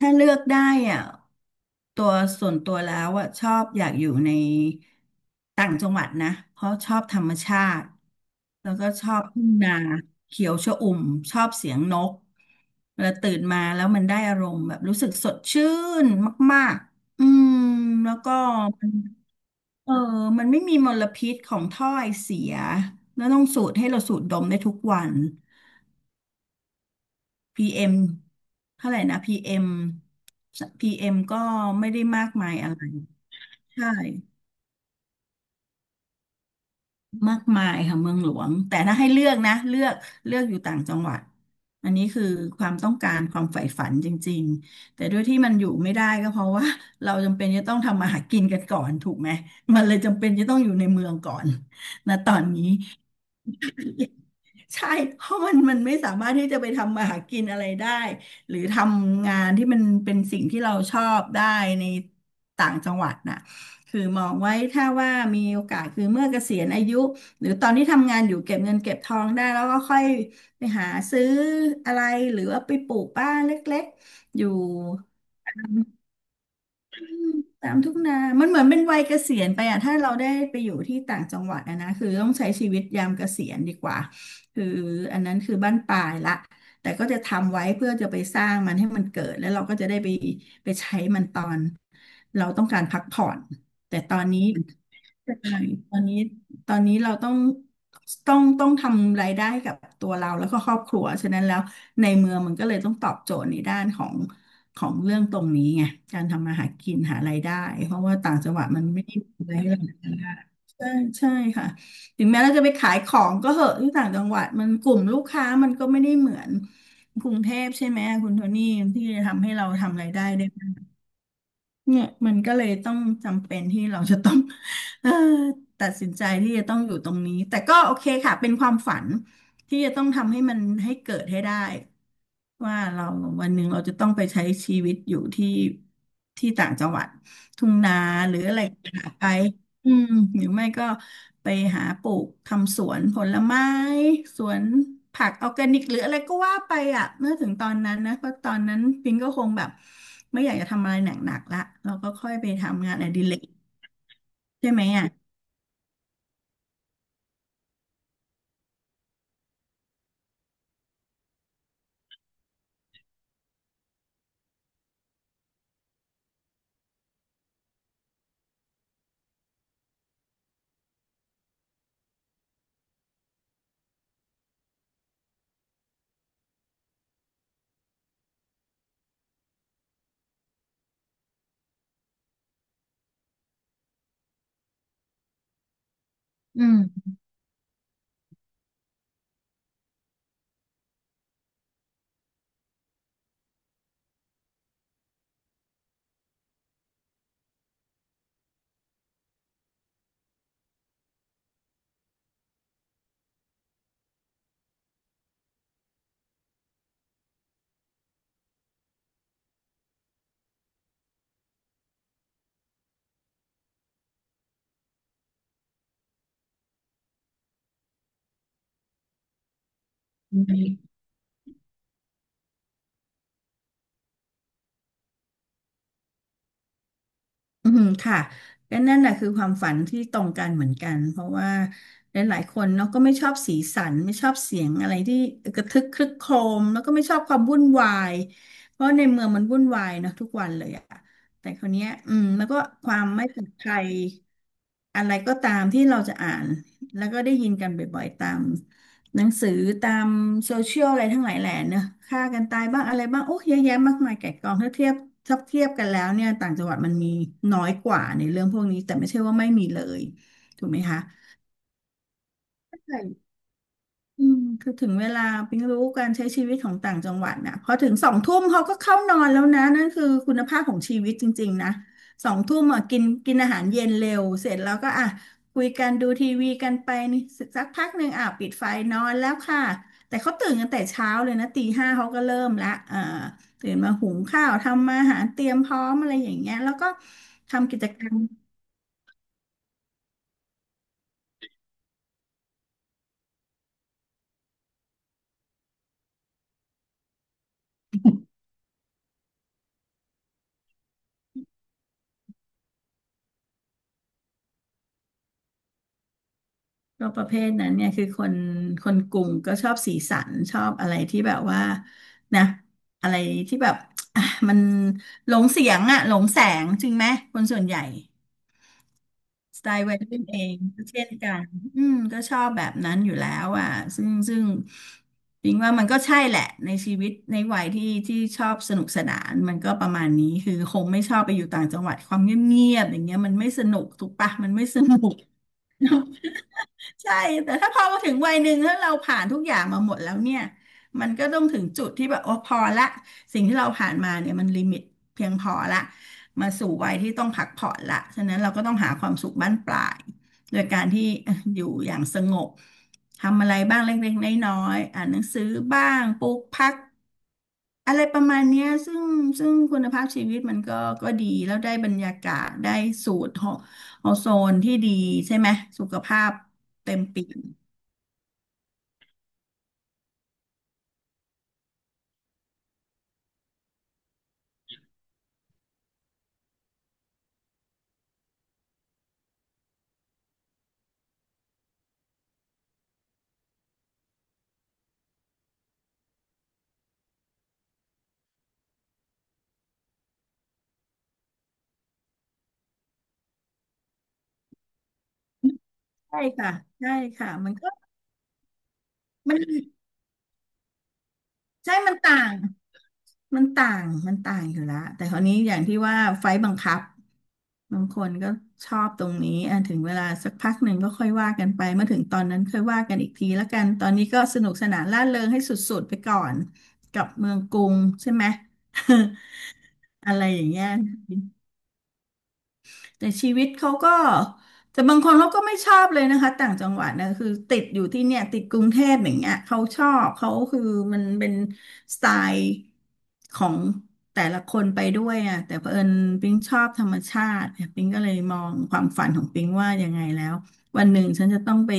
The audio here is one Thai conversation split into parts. ถ้าเลือกได้อ่ะตัวส่วนตัวแล้วชอบอยากอยู่ในต่างจังหวัดนะเพราะชอบธรรมชาติแล้วก็ชอบทุ่งนาเขียวชอุ่มชอบเสียงนกเวลาตื่นมาแล้วมันได้อารมณ์แบบรู้สึกสดชื่นมากๆอืมแล้วก็มันเออมันไม่มีมลพิษของถ้อยเสียแล้วต้องสูดให้เราสูดดมได้ทุกวัน PM เอ็มเท่าไหร่นะ PM PM ก็ไม่ได้มากมายอะไรใช่มากมายค่ะเมืองหลวงแต่ถ้าให้เลือกนะเลือกเลือกอยู่ต่างจังหวัดอันนี้คือความต้องการความใฝ่ฝันจริงๆแต่ด้วยที่มันอยู่ไม่ได้ก็เพราะว่า เราจำเป็นจะต้องทำมาหากินกันก่อนถูกไหมมันเลยจำเป็นจะต้องอยู่ในเมืองก่อนนะตอนนี้ ใช่เพราะมันไม่สามารถที่จะไปทำมาหากินอะไรได้หรือทำงานที่มันเป็นสิ่งที่เราชอบได้ในต่างจังหวัดน่ะคือมองไว้ถ้าว่ามีโอกาสคือเมื่อเกษียณอายุหรือตอนที่ทำงานอยู่เก็บเงินเก็บทองได้แล้วก็ค่อยไปหาซื้ออะไรหรือว่าไปปลูกบ้านเล็กๆอยู่ ตามทุ่งนา มันเหมือนเป็นวัยเกษียณไปอะถ้าเราได้ไปอยู่ที่ต่างจังหวัดอะนะ คือต้องใช้ชีวิตยามเกษียณดีกว่าคืออันนั้นคือบ้านปลายละแต่ก็จะทำไว้เพื่อจะไปสร้างมันให้มันเกิด แล้วเราก็จะได้ไปใช้มันตอนเราต้องการพักผ่อน แต่ตอนนี้ ใช่ตอนนี้ตอนนี้เราต้องต้องทำรายได้กับตัวเราแล้วก็ครอบครัวฉะนั้นแล้วในเมืองมันก็เลยต้องตอบโจทย์ในด้านของเรื่องตรงนี้ไงการทำมาหากินหารายได้เพราะว่าต่างจังหวัดมันไม่ได้มีอะไรให้เราทำได้ใช่ใช่ค่ะถึงแม้เราจะไปขายของก็เหอะที่ต่างจังหวัดมันกลุ่มลูกค้ามันก็ไม่ได้เหมือนกรุงเทพใช่ไหมคุณโทนี่ที่จะทำให้เราทำรายได้ได้ เนี่ยมันก็เลยต้องจำเป็นที่เราจะต้อง เอ่อตัดสินใจที่จะต้องอยู่ตรงนี้แต่ก็โอเคค่ะเป็นความฝันที่จะต้องทำให้มันให้เกิดให้ได้ ว่าเราวันหนึ่งเราจะต้องไปใช้ชีวิตอยู่ที่ต่างจังหวัดทุ่งนาหรืออะไรหาไปอืมหรือไม่ก็ไปหาปลูกทำสวนผลไม้สวนผักออร์แกนิกหรืออะไรก็ว่าไปอ่ะเมื่อถึงตอนนั้นนะเพราะตอนนั้นปิงก็คงแบบไม่อยากจะทำอะไรหนักๆละเราก็ค่อยไปทำงานอดิเรกใช่ไหมอ่ะอืม อืมค่ะก็นั่นแหละคือความฝันที่ตรงกันเหมือนกันเพราะว่าหลายๆคนเนาะก็ไม่ชอบสีสันไม่ชอบเสียงอะไรที่กระทึกครึกโครมแล้วก็ไม่ชอบความวุ่นวายเพราะในเมืองมันวุ่นวายเนาะทุกวันเลยอะแต่คราวเนี้ยอืมแล้วก็ความไม่ปลอดภัยอะไรก็ตามที่เราจะอ่านแล้วก็ได้ยินกันบ่อยๆตาม หนังสือตามโซเชียลอะไรทั้งหลายแหล่เนอะฆ่ากันตายบ้างอะไรบ้างโอ้เยอะแยะมากมายไก่กองถ้าเทียบกันแล้วเนี่ยต่างจังหวัดมันมีน้อยกว่าในเรื่องพวกนี้แต่ไม่ใช่ว่าไม่มีเลยถูกไหมคะใช่ อืมคือถึงเวลาปิ๊งรู้การใช้ชีวิตของต่างจังหวัดนะพอถึงสองทุ่มเขาก็เข้านอนแล้วนะนั่นคือคุณภาพของชีวิตจริงๆนะสองทุ่มอ่ะกินกินอาหารเย็นเร็วเสร็จแล้วก็อ่ะคุยกันดูทีวีกันไปนี่สักพักหนึ่งอ่ะปิดไฟนอนแล้วค่ะแต่เขาตื่นกันแต่เช้าเลยนะตีห้าเขาก็เริ่มละตื่นมาหุงข้าวทำอาหารเตรียมพร้อมอะไรอย่างเงี้ยแล้วก็ทำกิจกรรม ก็ประเภทนั้นเนี่ยคือคนคนกลุ่มก็ชอบสีสันชอบอะไรที่แบบว่านะอะไรที่แบบอ่ะมันหลงเสียงอะหลงแสงจริงไหมคนส่วนใหญ่สไตล์วัยรุ่นเองก็เช่นกันอืมก็ชอบแบบนั้นอยู่แล้วอ่ะซึ่งจริงว่ามันก็ใช่แหละในชีวิตในวัยที่ที่ชอบสนุกสนานมันก็ประมาณนี้คือคงไม่ชอบไปอยู่ต่างจังหวัดความเงียบๆอย่างเงี้ยมันไม่สนุกถูกปะมันไม่สนุก ใช่แต่ถ้าพอมาถึงวัยหนึ่งแล้วเราผ่านทุกอย่างมาหมดแล้วเนี่ยมันก็ต้องถึงจุดที่แบบโอ้พอละสิ่งที่เราผ่านมาเนี่ยมันลิมิตเพียงพอละมาสู่วัยที่ต้องพักผ่อนละฉะนั้นเราก็ต้องหาความสุขบั้นปลายโดยการที่ ออยู่อย่างสงบทำอะไรบ้างเล็กๆน้อยๆอ่านหนังสือบ้างปลูกผัก อะไรประมาณเนี้ยซึ่งคุณภาพชีวิตมันก็ดีแล้วได้บรรยากาศได้สูตรของอโซนที่ดีใช่ไหมสุขภาพเต็มเปี่ยมใช่ค่ะใช่ค่ะมันก็มันใช่มันต่าง มันต่าง มันต่างอยู่และแต่คราวนี้อย่างที่ว่าไฟล์บังคับบางคนก็ชอบตรงนี้อ่ะถึงเวลาสักพักหนึ่งก็ค่อยว่ากันไป เมื่อถึงตอนนั้นค่อยว่ากันอีกทีแล้วกัน ตอนนี้ก็สนุกสนานร่าเริงให้สุดๆไปก่อนกับเมืองกรุงใช่ไหม อะไรอย่างเงี้ย แต่ชีวิตเขาก็แต่บางคนเขาก็ไม่ชอบเลยนะคะต่างจังหวัดนะคือติดอยู่ที่เนี่ยติดกรุงเทพอย่างเงี้ยเขาชอบเขาคือมันเป็นสไตล์ของแต่ละคนไปด้วยอ่ะแต่เผอิญปิงชอบธรรมชาติเนี่ยปิงก็เลยมองความฝันของปิงว่ายังไงแล้ววันหนึ่งฉันจะต้องไป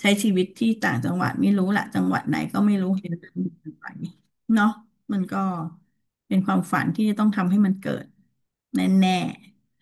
ใช้ชีวิตที่ต่างจังหวัดไม่รู้ละจังหวัดไหนก็ไม่รู้เห็นแล้วมันไปเนาะมันก็เป็นความฝันที่จะต้องทำให้มันเกิดแน่ๆ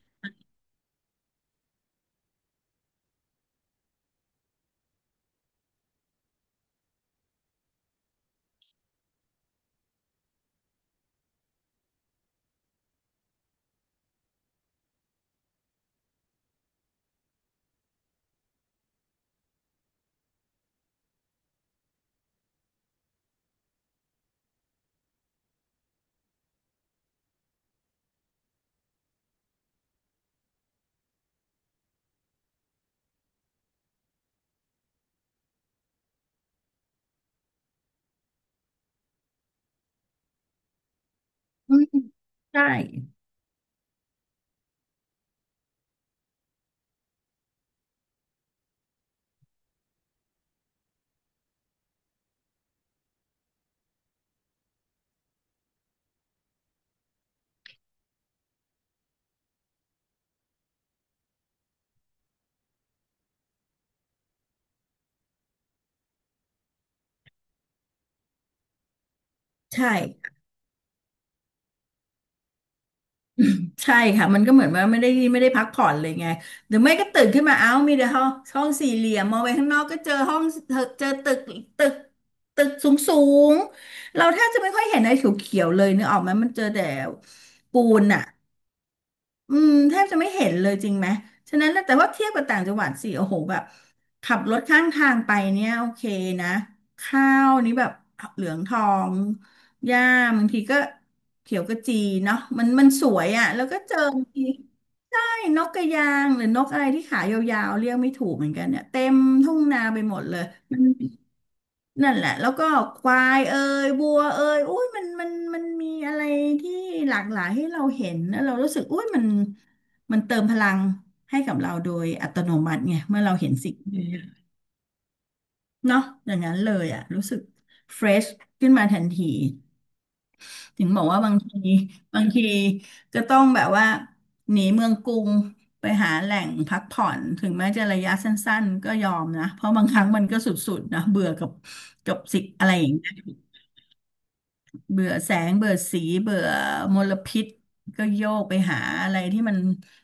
อืมใช่ใช่ใช่ค่ะมันก็เหมือนว่าไม่ได้พักผ่อนเลยไงหรือไม่ก็ตื่นขึ้นมาเอ้ามีแต่ห้องห้องสี่เหลี่ยมมองไปข้างนอกก็เจอห้องเจอตึกตึกสูงสูงเราแทบจะไม่ค่อยเห็นอะไรเขียวๆเลยนึกออกไหมมันเจอแต่ปูนอ่ะ อืมแทบจะไม่เห็นเลยจริงไหมฉะนั้นแล้วแต่ว่าเทียบกับต่างจังหวัดสิโอ้โหแบบขับรถข้างทางไปเนี่ยโอเคนะข้าวนี้แบบเหลืองทองหญ้าบางทีก็เขียวกระจีเนาะมันสวยอ่ะแล้วก็เจอบางทีใช่นกกระยางหรือนกอะไรที่ขายาวๆเรียกไม่ถูกเหมือนกันเนี่ยเต็มทุ่งนาไปหมดเลย นั่นแหละแล้วก็ควายเอ่ยวัวเอ่ยอุ้ยมันมีอะไรที่หลากหลายให้เราเห็นแล้วเรารู้สึกอุ้ยมันเติมพลังให้กับเราโดยอัตโนมัติไงเมื่อเราเห็นสิ่งนี้เนาะอย่างนั้นเลยอ่ะรู้สึกเฟรชขึ้นมาทันทีถึงบอกว่าบางทีบางทีก็ต้องแบบว่าหนีเมืองกรุงไปหาแหล่งพักผ่อนถึงแม้จะระยะสั้นๆก็ยอมนะเพราะบางครั้งมันก็สุดๆนะเบื่อกับสิ่งอะไรอย่างเงี้ย เบื่อแสงเบื่อสีเบื่อมลพิษก็โยกไปหาอะไรที่มัน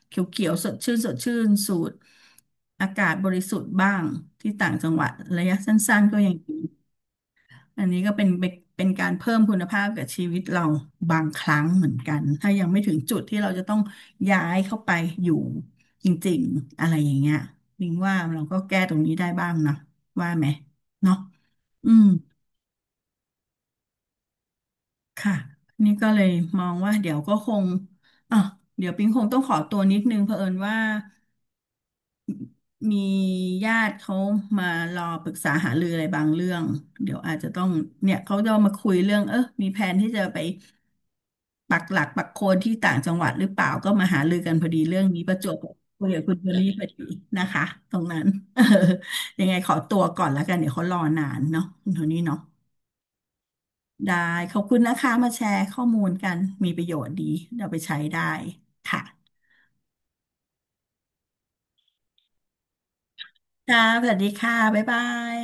เขียวๆสดชื่นสดชื่นสูดอากาศบริสุทธิ์บ้างที่ต่างจังหวัดระยะสั้นๆก็ยังดีอันนี้ก็เป็นการเพิ่มคุณภาพกับชีวิตเราบางครั้งเหมือนกันถ้ายังไม่ถึงจุดที่เราจะต้องย้ายเข้าไปอยู่จริงๆอะไรอย่างเงี้ยลิงว่าเราก็แก้ตรงนี้ได้บ้างนะว่าไหมเนาะอืม ค่ะนี่ก็เลยมองว่าเดี๋ยวก็คงอ่ะเดี๋ยวปิงคงต้องขอตัวนิดนึงเผอิญว่ามีญาติเขามารอปรึกษาหารืออะไรบางเรื่องเดี๋ยวอาจจะต้องเนี่ยเขาจะมาคุยเรื่องเออมีแผนที่จะไปปักหลักปักโคนที่ต่างจังหวัดหรือเปล่าก็มาหารือกันพอดีเรื่องนี้ประจวบกับคุยกับคุณเบลลี่พอดีนะคะตรงนั้น ยังไงขอตัวก่อนแล้วกันเดี๋ยวเขารอนานเนาะคุณโทนี่เนาะ ได้ขอบคุณนะคะมาแชร์ข้อมูลกันมีประโยชน์ดีเราไปใช้ได้ค่ะค่ะสวัสดีค่ะบ๊ายบาย